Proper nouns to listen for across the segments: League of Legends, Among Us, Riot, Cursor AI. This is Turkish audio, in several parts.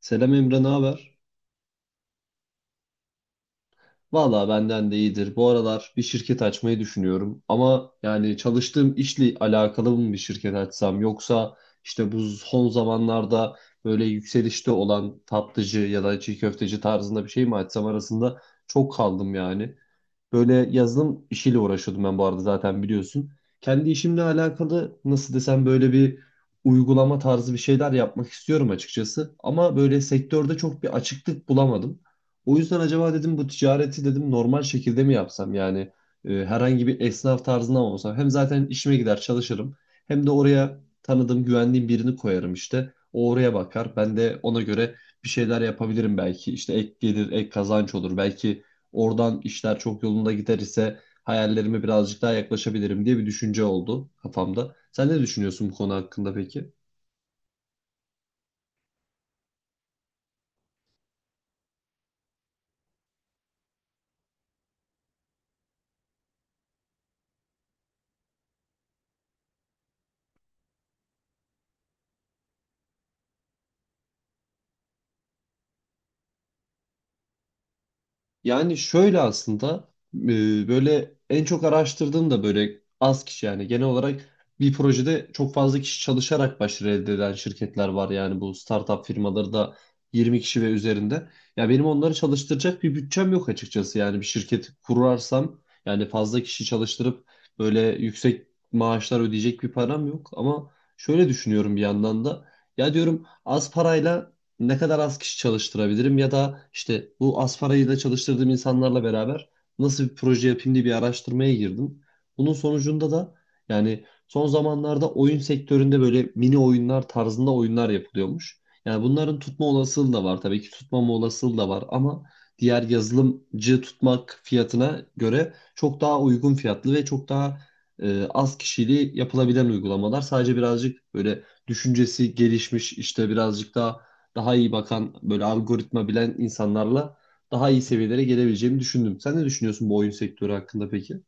Selam Emre, ne haber? Valla benden de iyidir. Bu aralar bir şirket açmayı düşünüyorum. Ama yani çalıştığım işle alakalı mı bir şirket açsam, yoksa işte bu son zamanlarda böyle yükselişte olan tatlıcı ya da çiğ köfteci tarzında bir şey mi açsam arasında çok kaldım yani. Böyle yazılım işiyle uğraşıyordum ben, bu arada zaten biliyorsun. Kendi işimle alakalı nasıl desem, böyle bir uygulama tarzı bir şeyler yapmak istiyorum açıkçası. Ama böyle sektörde çok bir açıklık bulamadım. O yüzden acaba dedim, bu ticareti dedim normal şekilde mi yapsam, yani herhangi bir esnaf tarzında mı olsam. Hem zaten işime gider çalışırım, hem de oraya tanıdığım, güvendiğim birini koyarım işte. O oraya bakar, ben de ona göre bir şeyler yapabilirim belki. İşte ek gelir, ek kazanç olur belki. Oradan işler çok yolunda gider ise hayallerime birazcık daha yaklaşabilirim diye bir düşünce oldu kafamda. Sen ne düşünüyorsun bu konu hakkında peki? Yani şöyle aslında, böyle en çok araştırdığım da böyle az kişi, yani genel olarak bir projede çok fazla kişi çalışarak başarı elde eden şirketler var yani, bu startup firmaları da 20 kişi ve üzerinde. Ya benim onları çalıştıracak bir bütçem yok açıkçası, yani bir şirket kurarsam, yani fazla kişi çalıştırıp böyle yüksek maaşlar ödeyecek bir param yok. Ama şöyle düşünüyorum bir yandan da, ya diyorum az parayla ne kadar az kişi çalıştırabilirim, ya da işte bu az parayla çalıştırdığım insanlarla beraber nasıl bir proje yapayım diye bir araştırmaya girdim. Bunun sonucunda da yani son zamanlarda oyun sektöründe böyle mini oyunlar tarzında oyunlar yapılıyormuş. Yani bunların tutma olasılığı da var tabii ki, tutmama olasılığı da var ama diğer yazılımcı tutmak fiyatına göre çok daha uygun fiyatlı ve çok daha az kişiyle yapılabilen uygulamalar. Sadece birazcık böyle düşüncesi gelişmiş işte, birazcık daha iyi bakan, böyle algoritma bilen insanlarla daha iyi seviyelere gelebileceğimi düşündüm. Sen ne düşünüyorsun bu oyun sektörü hakkında peki?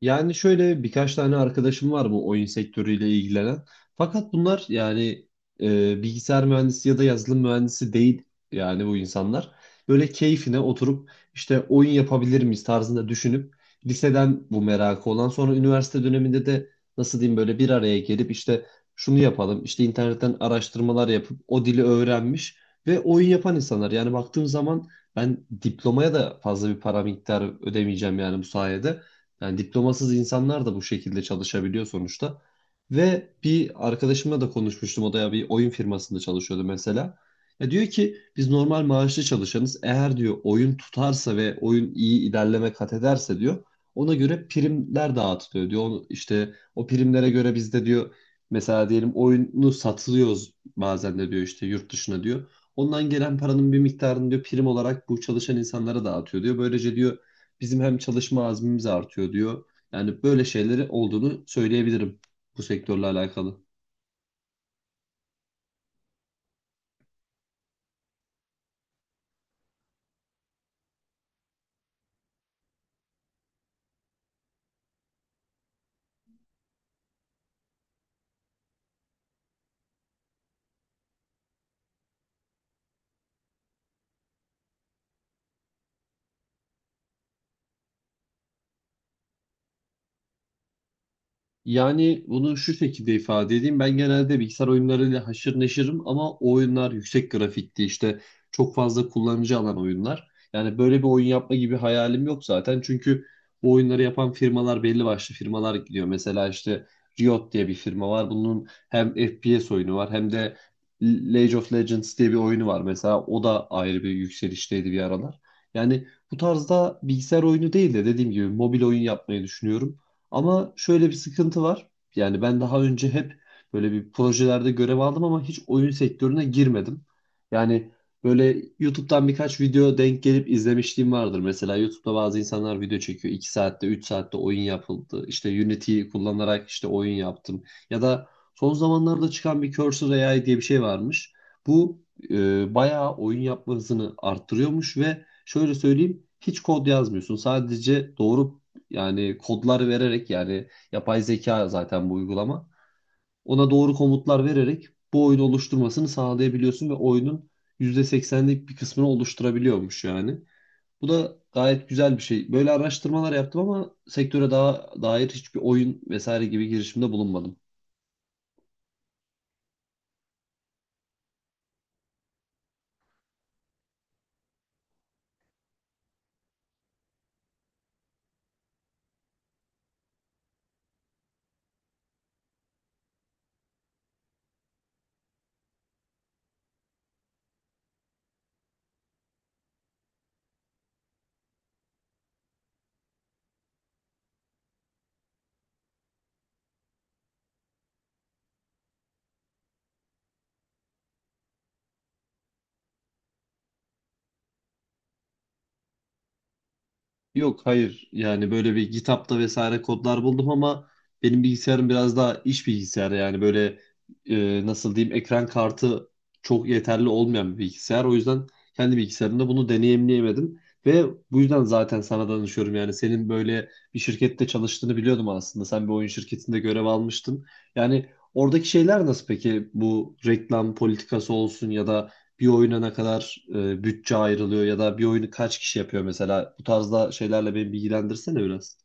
Yani şöyle, birkaç tane arkadaşım var bu oyun sektörüyle ilgilenen. Fakat bunlar yani bilgisayar mühendisi ya da yazılım mühendisi değil yani, bu insanlar. Böyle keyfine oturup işte oyun yapabilir miyiz tarzında düşünüp liseden bu merakı olan, sonra üniversite döneminde de nasıl diyeyim, böyle bir araya gelip işte şunu yapalım işte, internetten araştırmalar yapıp o dili öğrenmiş ve oyun yapan insanlar. Yani baktığım zaman ben diplomaya da fazla bir para miktarı ödemeyeceğim yani, bu sayede. Yani diplomasız insanlar da bu şekilde çalışabiliyor sonuçta. Ve bir arkadaşımla da konuşmuştum. O da ya bir oyun firmasında çalışıyordu mesela. Ya diyor ki biz normal maaşlı çalışanız. Eğer diyor oyun tutarsa ve oyun iyi ilerleme kat ederse diyor, ona göre primler dağıtılıyor diyor. Onu, işte o primlere göre biz de diyor, mesela diyelim oyunu satılıyoruz bazen de diyor, işte yurt dışına diyor. Ondan gelen paranın bir miktarını diyor prim olarak bu çalışan insanlara dağıtıyor diyor. Böylece diyor, bizim hem çalışma azmimiz artıyor diyor. Yani böyle şeyleri olduğunu söyleyebilirim bu sektörle alakalı. Yani bunu şu şekilde ifade edeyim. Ben genelde bilgisayar oyunlarıyla haşır neşirim ama o oyunlar yüksek grafikti işte, çok fazla kullanıcı alan oyunlar. Yani böyle bir oyun yapma gibi hayalim yok zaten. Çünkü bu oyunları yapan firmalar belli başlı firmalar gidiyor. Mesela işte Riot diye bir firma var. Bunun hem FPS oyunu var, hem de League of Legends diye bir oyunu var mesela. O da ayrı bir yükselişteydi bir aralar. Yani bu tarzda bilgisayar oyunu değil de dediğim gibi mobil oyun yapmayı düşünüyorum. Ama şöyle bir sıkıntı var. Yani ben daha önce hep böyle bir projelerde görev aldım ama hiç oyun sektörüne girmedim. Yani böyle YouTube'dan birkaç video denk gelip izlemişliğim vardır. Mesela YouTube'da bazı insanlar video çekiyor. 2 saatte, 3 saatte oyun yapıldı. İşte Unity'yi kullanarak işte oyun yaptım. Ya da son zamanlarda çıkan bir Cursor AI diye bir şey varmış. Bu bayağı oyun yapma hızını arttırıyormuş ve şöyle söyleyeyim, hiç kod yazmıyorsun. Sadece doğru yani kodlar vererek, yani yapay zeka zaten bu uygulama. Ona doğru komutlar vererek bu oyunu oluşturmasını sağlayabiliyorsun ve oyunun %80'lik bir kısmını oluşturabiliyormuş yani. Bu da gayet güzel bir şey. Böyle araştırmalar yaptım ama sektöre daha dair hiçbir oyun vesaire gibi girişimde bulunmadım. Yok, hayır, yani böyle bir GitHub'da vesaire kodlar buldum ama benim bilgisayarım biraz daha iş bilgisayarı yani, böyle nasıl diyeyim, ekran kartı çok yeterli olmayan bir bilgisayar. O yüzden kendi bilgisayarımda bunu deneyimleyemedim ve bu yüzden zaten sana danışıyorum yani, senin böyle bir şirkette çalıştığını biliyordum aslında. Sen bir oyun şirketinde görev almıştın. Yani oradaki şeyler nasıl peki, bu reklam politikası olsun ya da bir oyuna ne kadar bütçe ayrılıyor ya da bir oyunu kaç kişi yapıyor mesela. Bu tarzda şeylerle beni bilgilendirsene biraz.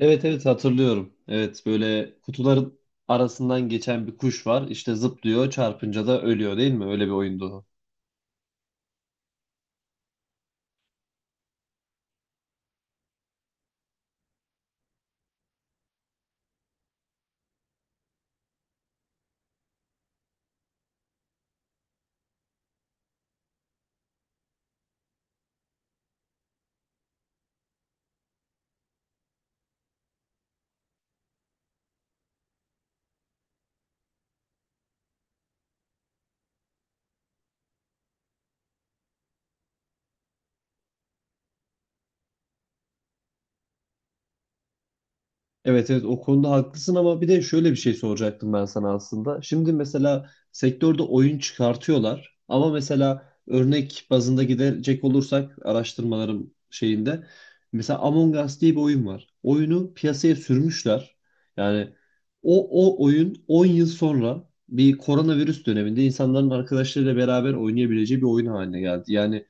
Evet evet, hatırlıyorum. Evet, böyle kutuların arasından geçen bir kuş var. İşte zıplıyor, çarpınca da ölüyor değil mi? Öyle bir oyundu. Evet evet, o konuda haklısın ama bir de şöyle bir şey soracaktım ben sana aslında. Şimdi mesela sektörde oyun çıkartıyorlar ama mesela örnek bazında gidecek olursak araştırmalarım şeyinde mesela Among Us diye bir oyun var. Oyunu piyasaya sürmüşler. Yani o, o oyun 10 yıl sonra bir koronavirüs döneminde insanların arkadaşlarıyla beraber oynayabileceği bir oyun haline geldi. Yani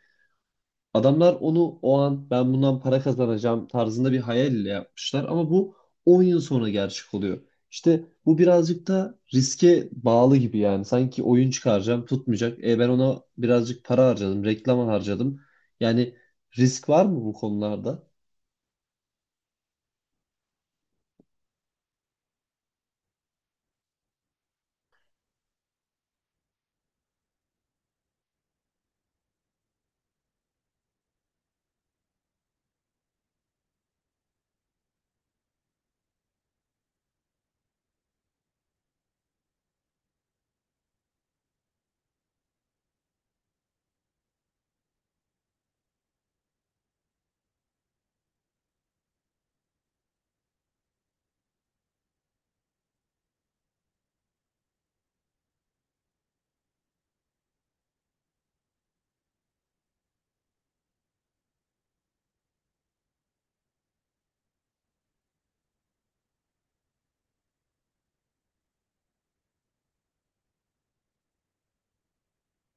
adamlar onu o an ben bundan para kazanacağım tarzında bir hayal ile yapmışlar ama bu 10 yıl sonra gerçek oluyor. İşte bu birazcık da riske bağlı gibi yani. Sanki oyun çıkaracağım tutmayacak. Ben ona birazcık para harcadım, reklama harcadım. Yani risk var mı bu konularda?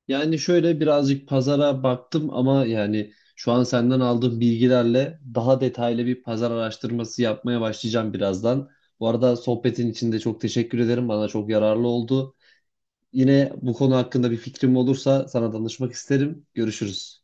Yani şöyle birazcık pazara baktım ama yani şu an senden aldığım bilgilerle daha detaylı bir pazar araştırması yapmaya başlayacağım birazdan. Bu arada sohbetin için de çok teşekkür ederim. Bana çok yararlı oldu. Yine bu konu hakkında bir fikrim olursa sana danışmak isterim. Görüşürüz.